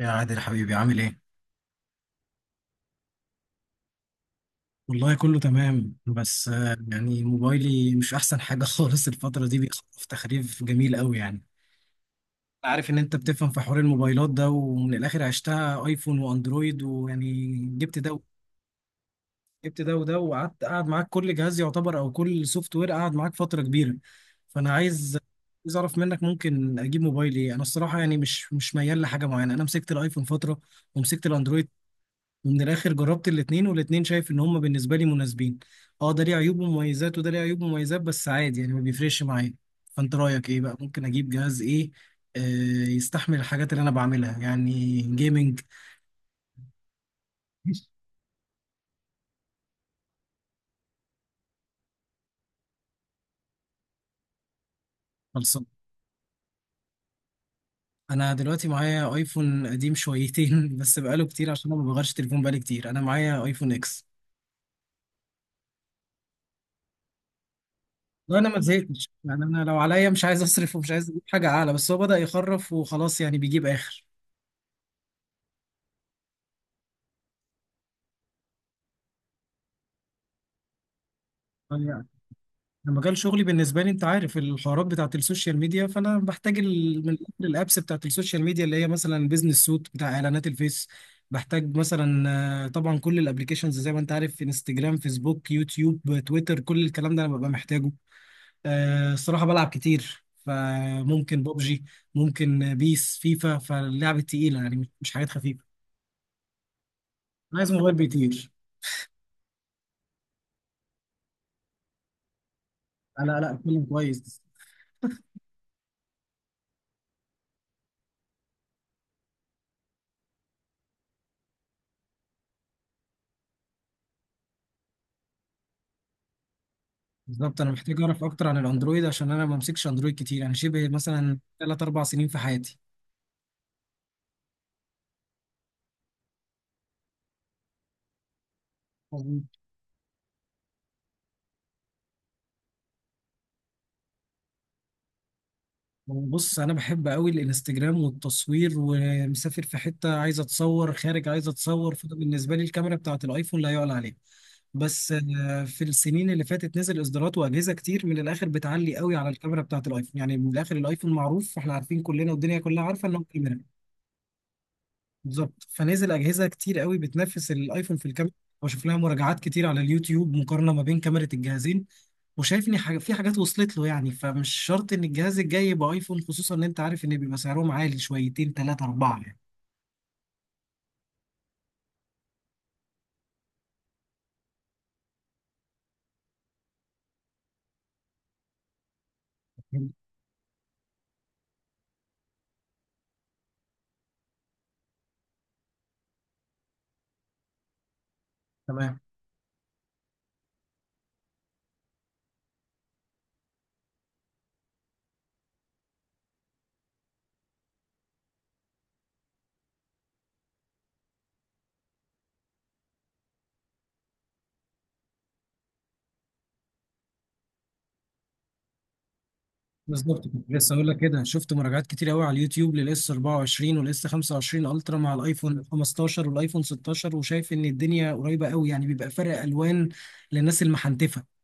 يا عادل حبيبي عامل ايه؟ والله كله تمام بس يعني موبايلي مش احسن حاجة خالص الفترة دي بيخطف تخريف جميل قوي يعني. أنا عارف ان انت بتفهم في حوار الموبايلات ده ومن الاخر عشتها ايفون واندرويد ويعني جبت ده وده وقعدت قاعد معاك كل جهاز يعتبر او كل سوفت وير قاعد معاك فترة كبيرة. فانا عايز اعرف منك ممكن اجيب موبايل ايه، انا الصراحة يعني مش ميال لحاجة معينة، انا مسكت الايفون فترة ومسكت الاندرويد ومن الاخر جربت الاتنين والاتنين شايف ان هما بالنسبه لي مناسبين، اه ده ليه عيوب ومميزات وده ليه عيوب ومميزات بس عادي يعني ما بيفرقش معايا. فانت رايك ايه بقى؟ ممكن اجيب جهاز ايه آه يستحمل الحاجات اللي انا بعملها يعني جيمنج. خلصان، انا دلوقتي معايا ايفون قديم شويتين بس بقاله كتير عشان انا ما بغيرش تليفون، بقالي كتير انا معايا ايفون اكس. لا انا ما زهقتش يعني، انا لو عليا مش عايز اصرف ومش عايز اجيب حاجه اعلى، بس هو بدأ يخرف وخلاص يعني بيجيب اخر. طيب يعني انا مجال شغلي بالنسبه لي، انت عارف الحوارات بتاعه السوشيال ميديا، فانا بحتاج من الآخر الابس بتاعه السوشيال ميديا اللي هي مثلا بيزنس سوت بتاع اعلانات الفيس، بحتاج مثلا طبعا كل الابليكيشنز زي ما انت عارف انستجرام فيسبوك يوتيوب تويتر كل الكلام ده انا ببقى محتاجه. الصراحه بلعب كتير فممكن ببجي ممكن بيس فيفا، فاللعب التقيله يعني مش حاجات خفيفه. انا عايز موبايل بيطير. لا لا لا اتكلم كويس. بالظبط انا محتاج اعرف اكتر عن الاندرويد عشان انا ما بمسكش اندرويد كتير، انا شبه مثلا 3 4 سنين في حياتي. مظبوط. بص انا بحب قوي الانستجرام والتصوير، ومسافر في حته عايز اتصور، خارج عايز اتصور، فده بالنسبه لي الكاميرا بتاعه الايفون لا يعلى عليها. بس في السنين اللي فاتت نزل اصدارات واجهزه كتير من الاخر بتعلي قوي على الكاميرا بتاعه الايفون، يعني من الاخر الايفون معروف، فاحنا عارفين كلنا والدنيا كلها عارفه ان هو كاميرا. بالظبط، فنزل اجهزه كتير قوي بتنافس الايفون في الكاميرا واشوف لها مراجعات كتير على اليوتيوب مقارنه ما بين كاميرا الجهازين، وشايف ان حاجة في حاجات وصلت له يعني، فمش شرط ان الجهاز الجاي يبقى ايفون، خصوصا ان انت عارف ان بيبقى سعرهم عالي شويتين ثلاثه اربعه يعني. تمام. بالظبط، كنت لسه اقول لك كده، شفت مراجعات كتير قوي على اليوتيوب للاس 24 والاس 25 الترا مع الايفون 15 والايفون 16، وشايف ان الدنيا قريبه قوي، يعني بيبقى فرق الوان للناس المحنتفه.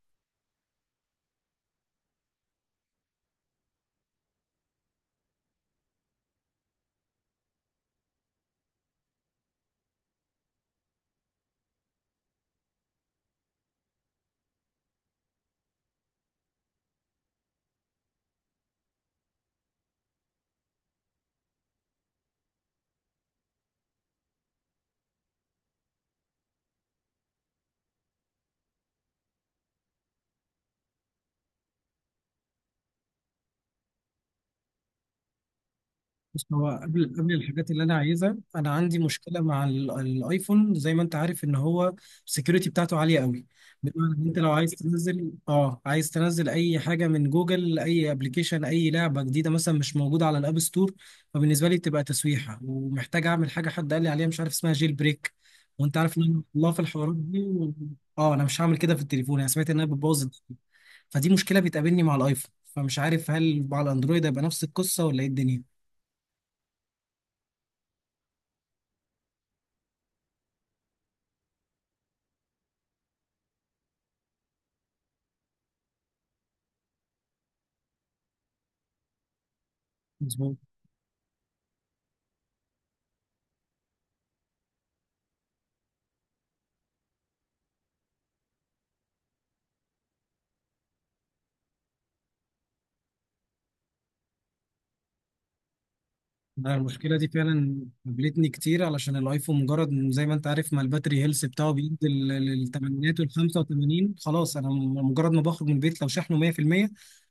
بس هو قبل الحاجات اللي انا عايزها، انا عندي مشكله مع الايفون، زي ما انت عارف ان هو السكيورتي بتاعته عاليه قوي، بمعنى ان انت لو عايز تنزل اه عايز تنزل اي حاجه من جوجل، اي ابلكيشن اي لعبه جديده مثلا مش موجوده على الاب ستور، فبالنسبه لي بتبقى تسويحه، ومحتاج اعمل حاجه حد قال لي عليها مش عارف اسمها جيل بريك، وانت عارف ان أنا الله في الحوارات دي و... اه انا مش هعمل كده في التليفون، انا سمعت انها بتبوظ الدنيا. فدي مشكله بتقابلني مع الايفون، فمش عارف هل مع الاندرويد هيبقى نفس القصه ولا ايه الدنيا. مظبوط. أنا المشكلة دي فعلا قابلتني كتير علشان الايفون مجرد إن زي ما انت عارف ما الباتري هيلث بتاعه بيقل للثمانينات وال 85 خلاص انا مجرد ما بخرج من البيت لو شحنه 100%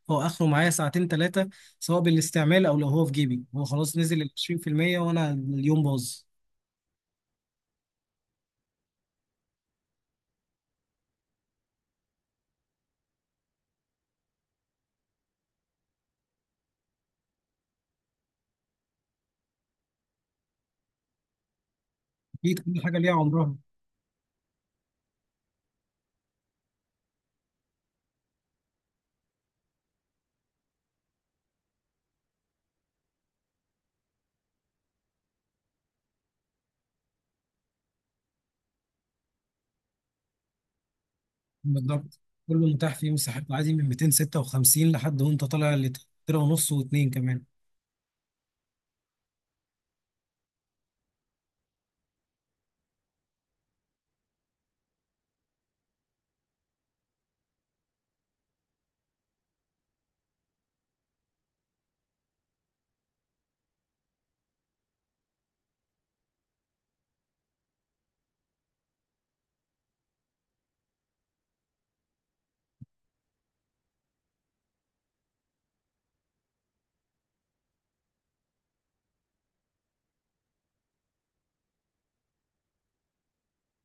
هو اخره معايا ساعتين ثلاثة، سواء بالاستعمال او لو هو في جيبي، هو خلاص نزل ال 20% وانا اليوم باظ. اكيد كل حاجة ليها عمرها. بالظبط، كله متاح فيه مساحات عادي من 256 لحد وانت طالع لتر ونص واتنين كمان.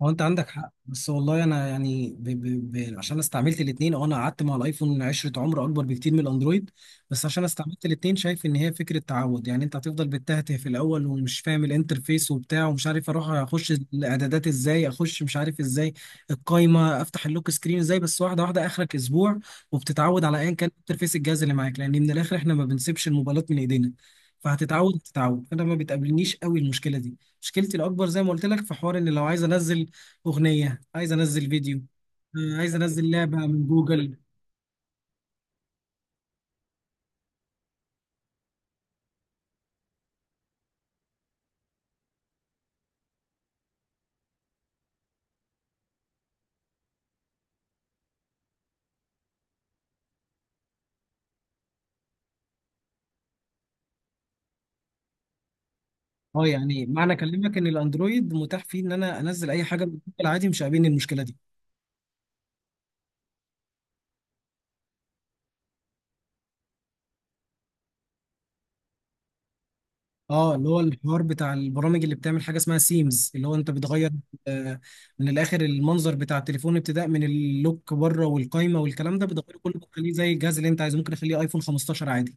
هو انت عندك حق، بس والله انا يعني عشان استعملت الاثنين، اه انا قعدت مع الايفون عشرة، عمر اكبر بكتير من الاندرويد، بس عشان استعملت الاثنين شايف ان هي فكره تعود يعني، انت هتفضل بتتهته في الاول ومش فاهم الانترفيس وبتاع ومش عارف اروح اخش الاعدادات ازاي، اخش مش عارف ازاي القايمه، افتح اللوك سكرين ازاي، بس واحده واحده اخرك اسبوع وبتتعود على ايا كان انترفيس الجهاز اللي معاك، لان من الاخر احنا ما بنسيبش الموبايلات من ايدينا، فهتتعود تتعود. انا ما بتقابلنيش قوي المشكله دي، مشكلتي الاكبر زي ما قلت لك في حوار ان لو عايز انزل اغنيه، عايز انزل فيديو، عايز انزل لعبه من جوجل. اه يعني معنى كلامك ان الاندرويد متاح فيه ان انا انزل اي حاجه من جوجل عادي، مش قابلني المشكله دي. اه، اللي هو الحوار بتاع البرامج اللي بتعمل حاجه اسمها سيمز، اللي هو انت بتغير آه من الاخر المنظر بتاع التليفون، ابتداء من اللوك بره والقايمه والكلام ده بتغيره كله، بتخليه زي الجهاز اللي انت عايزه، ممكن اخليه ايفون 15 عادي.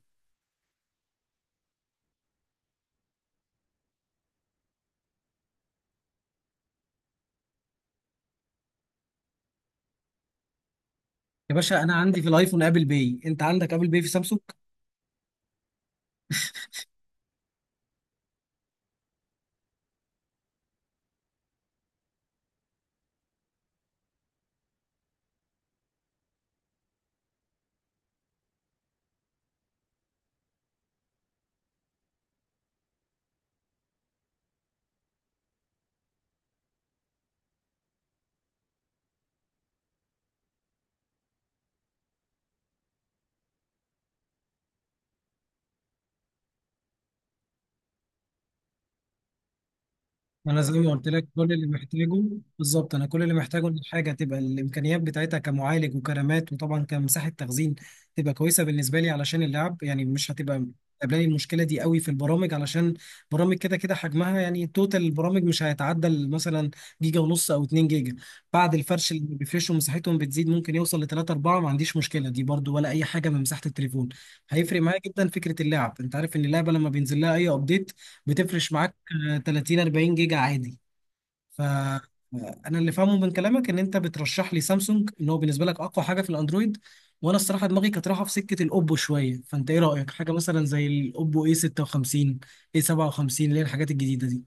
يا باشا انا عندي في الايفون ابل باي، انت عندك ابل باي في سامسونج؟ انا زي ما قلت لك كل اللي محتاجه، بالظبط، انا كل اللي محتاجه ان الحاجه تبقى الامكانيات بتاعتها كمعالج وكرامات وطبعا كمساحه تخزين تبقى كويسه بالنسبه لي علشان اللعب، يعني مش هتبقى قابلاني المشكله دي قوي في البرامج علشان برامج كده كده حجمها، يعني توتال البرامج مش هيتعدى مثلا جيجا ونص او 2 جيجا، بعد الفرش اللي بيفرشوا مساحتهم بتزيد ممكن يوصل ل 3 4، ما عنديش مشكله دي برضو ولا اي حاجه من مساحه التليفون. هيفرق معايا جدا فكره اللعب، انت عارف ان اللعبه لما بينزل لها اي ابديت بتفرش معاك 30 40 جيجا عادي. ف انا اللي فاهمه من كلامك ان انت بترشح لي سامسونج، ان هو بالنسبه لك اقوى حاجه في الاندرويد، وانا الصراحه دماغي كانت رايحه في سكه الاوبو شويه، فانت ايه رايك حاجه مثلا زي الاوبو اي 56 اي 57 اللي هي الحاجات الجديده دي؟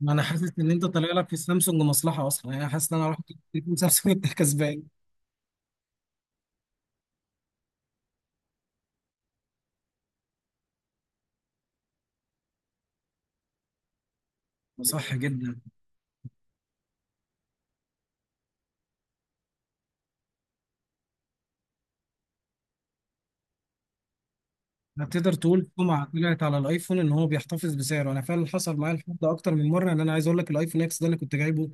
ما انا حاسس ان انت طالع لك في السامسونج مصلحه اصلا، يعني انا حاسس ان انا رحت تليفون سامسونج انت كسبان. صح جدا. هتقدر تقول سمعه طلعت على الايفون ان هو بيحتفظ بسعره، انا فعلا حصل معايا الحوار ده اكتر من مره، ان انا عايز اقول لك الايفون اكس ده انا كنت جايبه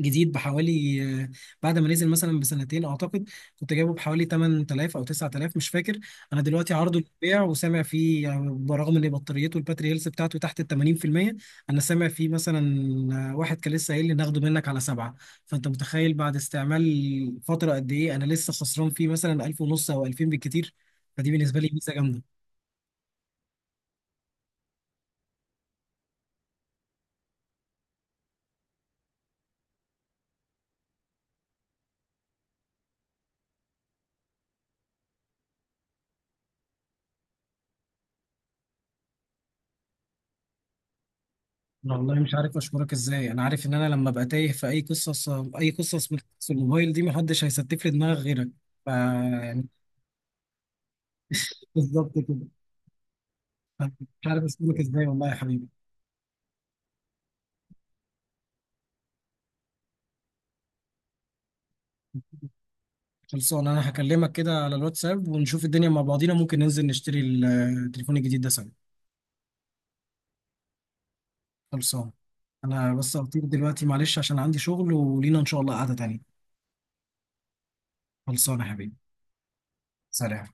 جديد بحوالي بعد ما نزل مثلا بسنتين اعتقد، كنت جايبه بحوالي 8000 او 9000 مش فاكر. انا دلوقتي عرضه للبيع وسامع فيه يعني، برغم ان بطاريته الباتري هيلث بتاعته تحت ال 80%، انا سامع فيه مثلا واحد كان لسه قايل لي ناخده منك على سبعه، فانت متخيل بعد استعمال فتره قد ايه انا لسه خسران فيه مثلا 1000 ونص او 2000 بالكتير، فدي بالنسبه لي ميزه جامده. والله مش عارف اشكرك ازاي، انا عارف ان انا لما ابقى تايه في اي قصص من قصص الموبايل دي محدش هيستف لي دماغ غيرك ف يعني. بالظبط كده. مش عارف اشكرك ازاي والله يا حبيبي. خلصان، انا هكلمك كده على الواتساب ونشوف الدنيا مع بعضينا، ممكن ننزل نشتري التليفون الجديد ده سوا. خلصان، انا بس هطير دلوقتي معلش عشان عندي شغل، ولينا ان شاء الله قعدة تانية. خلصان يا حبيبي. سلام.